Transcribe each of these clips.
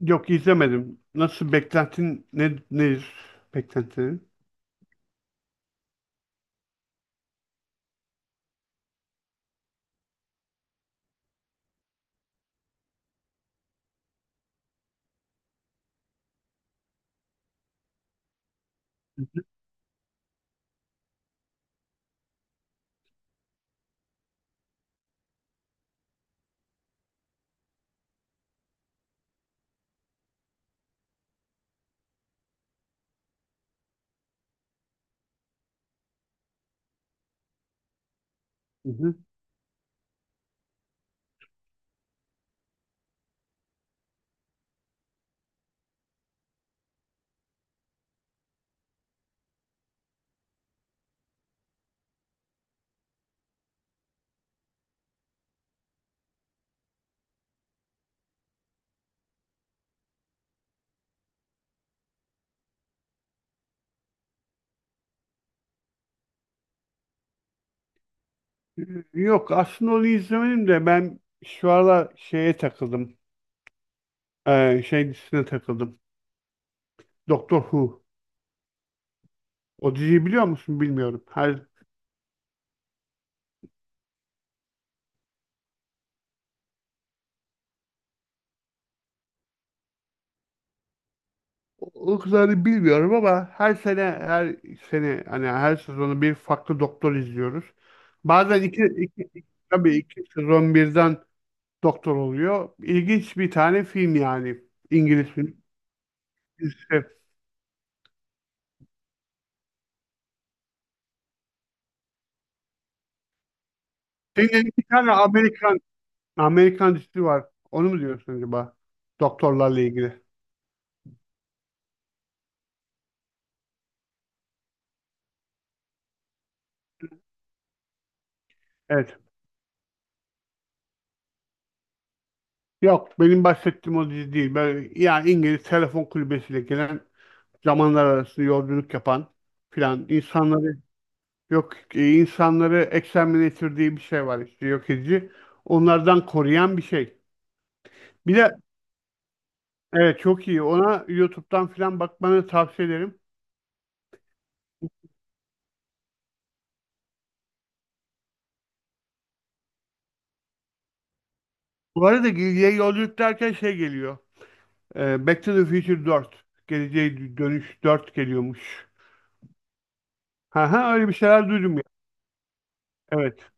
Yok, izlemedim. Nasıl beklentin nedir? Beklentinin? Hı hı. Hı hı. Yok, aslında onu izlemedim de ben şu aralar şeye takıldım. Şey dizisine takıldım. Doktor Who. O diziyi biliyor musun bilmiyorum. Her o kadarını bilmiyorum ama her sene her sene hani her sezonu bir farklı doktor izliyoruz. Bazen tabii iki sezon birden doktor oluyor. İlginç bir tane film yani. İngiliz film. Senin elinde bir tane Amerikan dizisi var. Onu mu diyorsun acaba? Doktorlarla ilgili. Evet. Yok, benim bahsettiğim o dizi değil. Böyle, yani İngiliz telefon kulübesiyle gelen zamanlar arası yolculuk yapan filan insanları yok, insanları exterminator diye bir şey var, işte yok edici. Onlardan koruyan bir şey. Bir de evet, çok iyi. Ona YouTube'dan filan bakmanı tavsiye ederim. Bu arada Gildi'ye yolculuk derken şey geliyor. Back to the Future dört, Geleceğe Dönüş 4 geliyormuş. Ha ha, öyle bir şeyler duydum ya. Evet.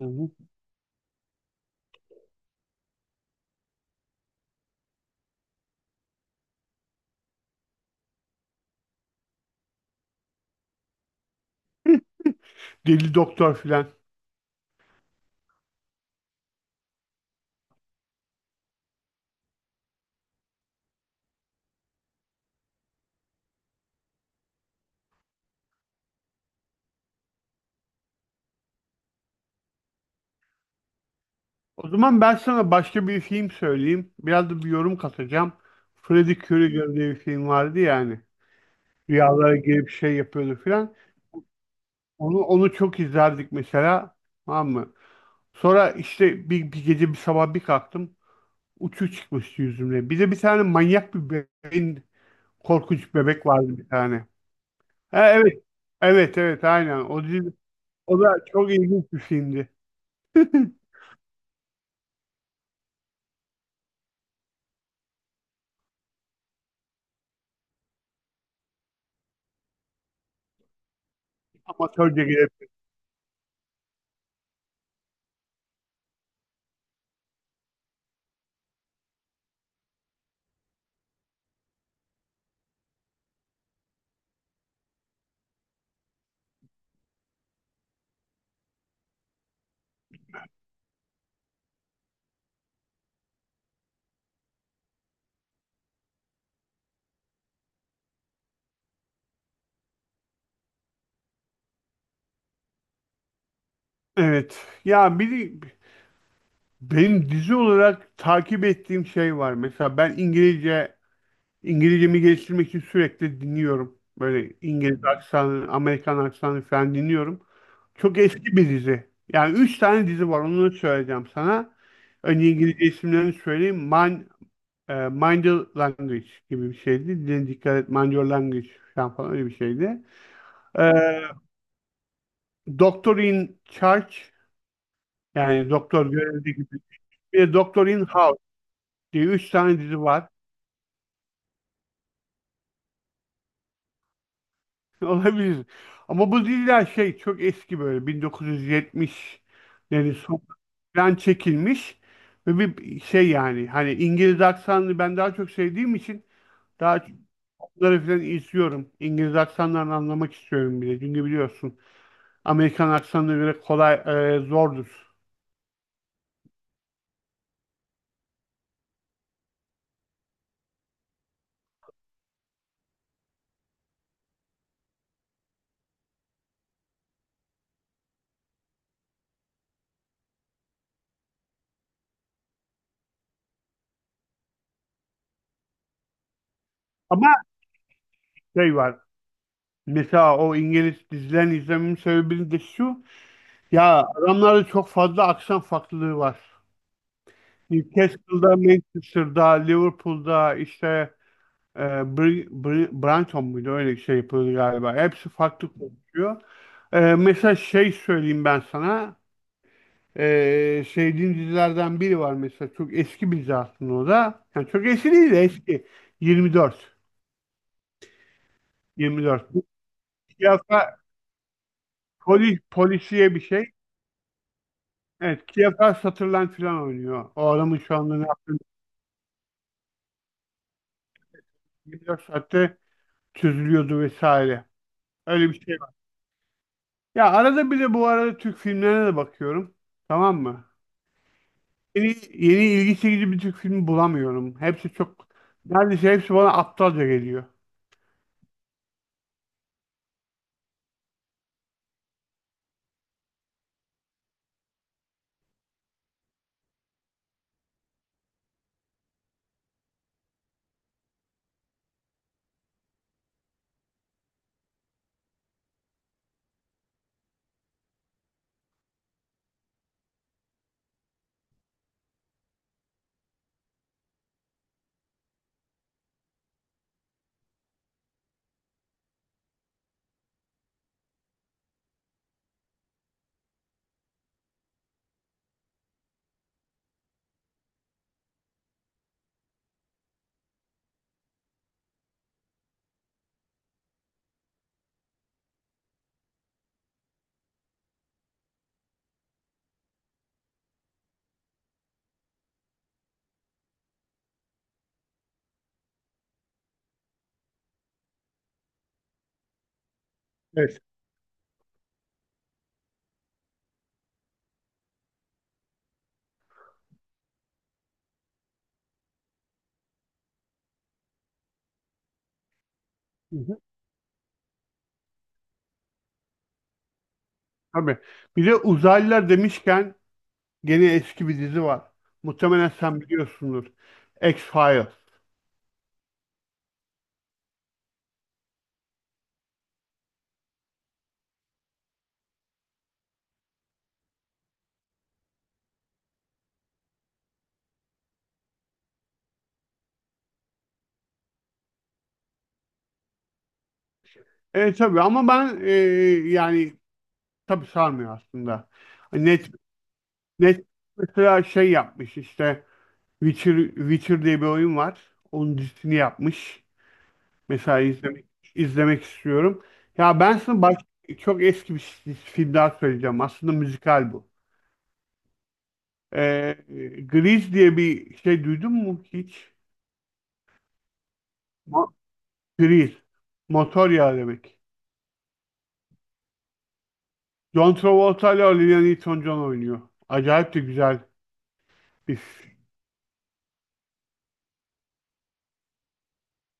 Hı hı. Deli Doktor filan. O zaman ben sana başka bir film söyleyeyim. Biraz da bir yorum katacağım. Freddie Krueger diye bir film vardı yani. Rüyalara girip şey yapıyordu filan. Onu çok izlerdik mesela. Tamam mı? Sonra işte bir gece bir sabah bir kalktım. Uçu çıkmıştı yüzümle. Bir de bir tane manyak bir bebeğin korkunç bebek vardı bir tane. Ha, evet. Evet evet, aynen. O dizi, o da çok ilginç bir filmdi. Amatörce gelip. Evet. Ya bir, benim dizi olarak takip ettiğim şey var. Mesela ben İngilizcemi geliştirmek için sürekli dinliyorum. Böyle İngiliz aksanı, Amerikan aksanı falan dinliyorum. Çok eski bir dizi. Yani üç tane dizi var. Onu da söyleyeceğim sana. Önce İngilizce isimlerini söyleyeyim. Mind Your Language gibi bir şeydi. Dile dikkat et, Mind Your Language falan öyle bir şeydi. Ee, Doctor in Charge, yani doktor görevde gibi. Bir de Doctor in House diye üç tane dizi var. Olabilir. Ama bu diziler şey çok eski, böyle 1970'lerin sonundan çekilmiş ve bir şey yani hani İngiliz aksanını ben daha çok sevdiğim için daha çok bunları falan izliyorum. İngiliz aksanlarını anlamak istiyorum bile. Çünkü biliyorsun, Amerikan aksanına göre kolay, zordur. Ama şey var. Mesela o İngiliz dizilerini izlememin sebebi de şu. Ya adamlarda çok fazla aksan farklılığı var. Newcastle'da, Manchester'da, Liverpool'da işte Brighton muydu, öyle bir şey yapıldı galiba. Hepsi farklı konuşuyor. Mesela şey söyleyeyim ben sana. E, sevdiğim dizilerden biri var mesela. Çok eski bir dizi aslında o da. Yani çok eski değil de eski. 24. 24. Bu siyasa- polis, polisiye bir şey. Evet, Kiyafar Sutherland falan oynuyor. O adamın şu anda ne yaptığını 24 saatte çözülüyordu vesaire. Öyle bir şey var. Ya arada bir de bu arada Türk filmlerine de bakıyorum. Tamam mı? Yeni, yeni ilgi çekici bir Türk filmi bulamıyorum. Neredeyse hepsi bana aptalca geliyor. Evet. Hı hı. Tabii. Bir de uzaylılar demişken gene eski bir dizi var. Muhtemelen sen biliyorsundur. X-Files. Evet tabii, ama ben yani tabii sarmıyor aslında. Net net mesela şey yapmış, işte Witcher diye bir oyun var. Onun dizisini yapmış. Mesela izlemek istiyorum. Ya ben sana çok eski bir film daha söyleyeceğim. Aslında müzikal bu. Ee, Grease diye bir şey duydun mu hiç? Mo Grease. Motor yağı demek. John Travolta ile Olivia Newton-John oynuyor. Acayip de güzel bir.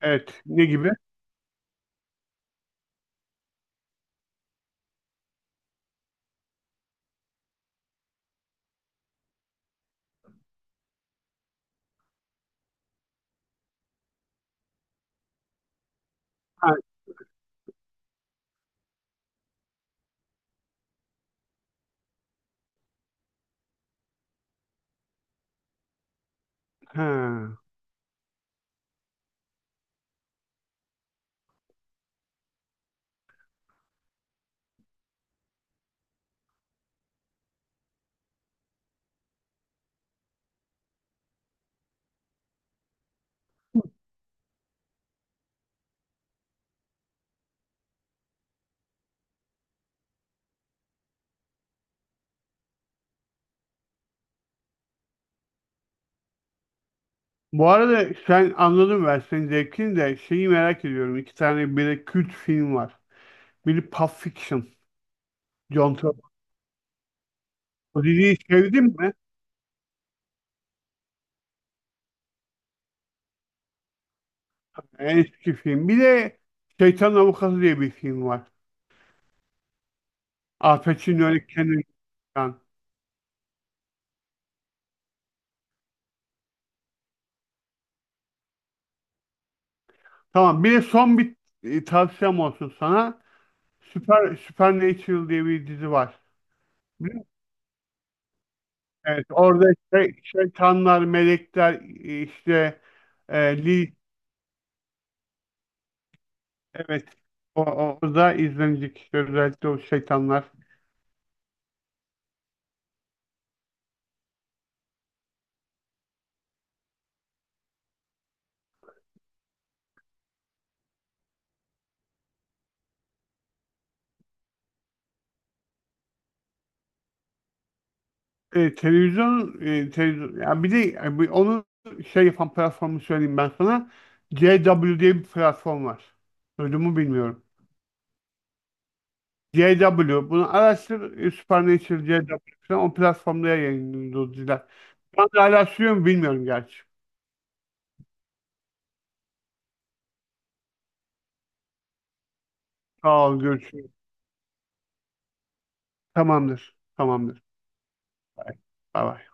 Evet. Ne gibi? Ha, ha. Bu arada sen, anladım ben senin zevkini de şeyi merak ediyorum. İki tane biri kült film var. Biri Pulp Fiction. John Travolta. O diziyi sevdin mi? En eski film. Bir de Şeytan Avukatı diye bir film var. Al Pacino öyle kendini tutan. Tamam, bir de son bir tavsiyem olsun sana. Supernatural diye bir dizi var. Biliyor musun? Evet, orada şeytanlar, melekler, e, işte Lily. Evet. O da izlenecek işte, özellikle o şeytanlar. Televizyon ya, bir de onun şey yapan platformu söyleyeyim ben sana. CW diye bir platform var. Duydun mu bilmiyorum. CW. Bunu araştır. Supernatural CW falan. O platformda yayınlıyor diziler. Ben de hala sürüyor mu bilmiyorum gerçi. Sağ ol. Görüşürüz. Tamamdır. Tamamdır. Bay bay.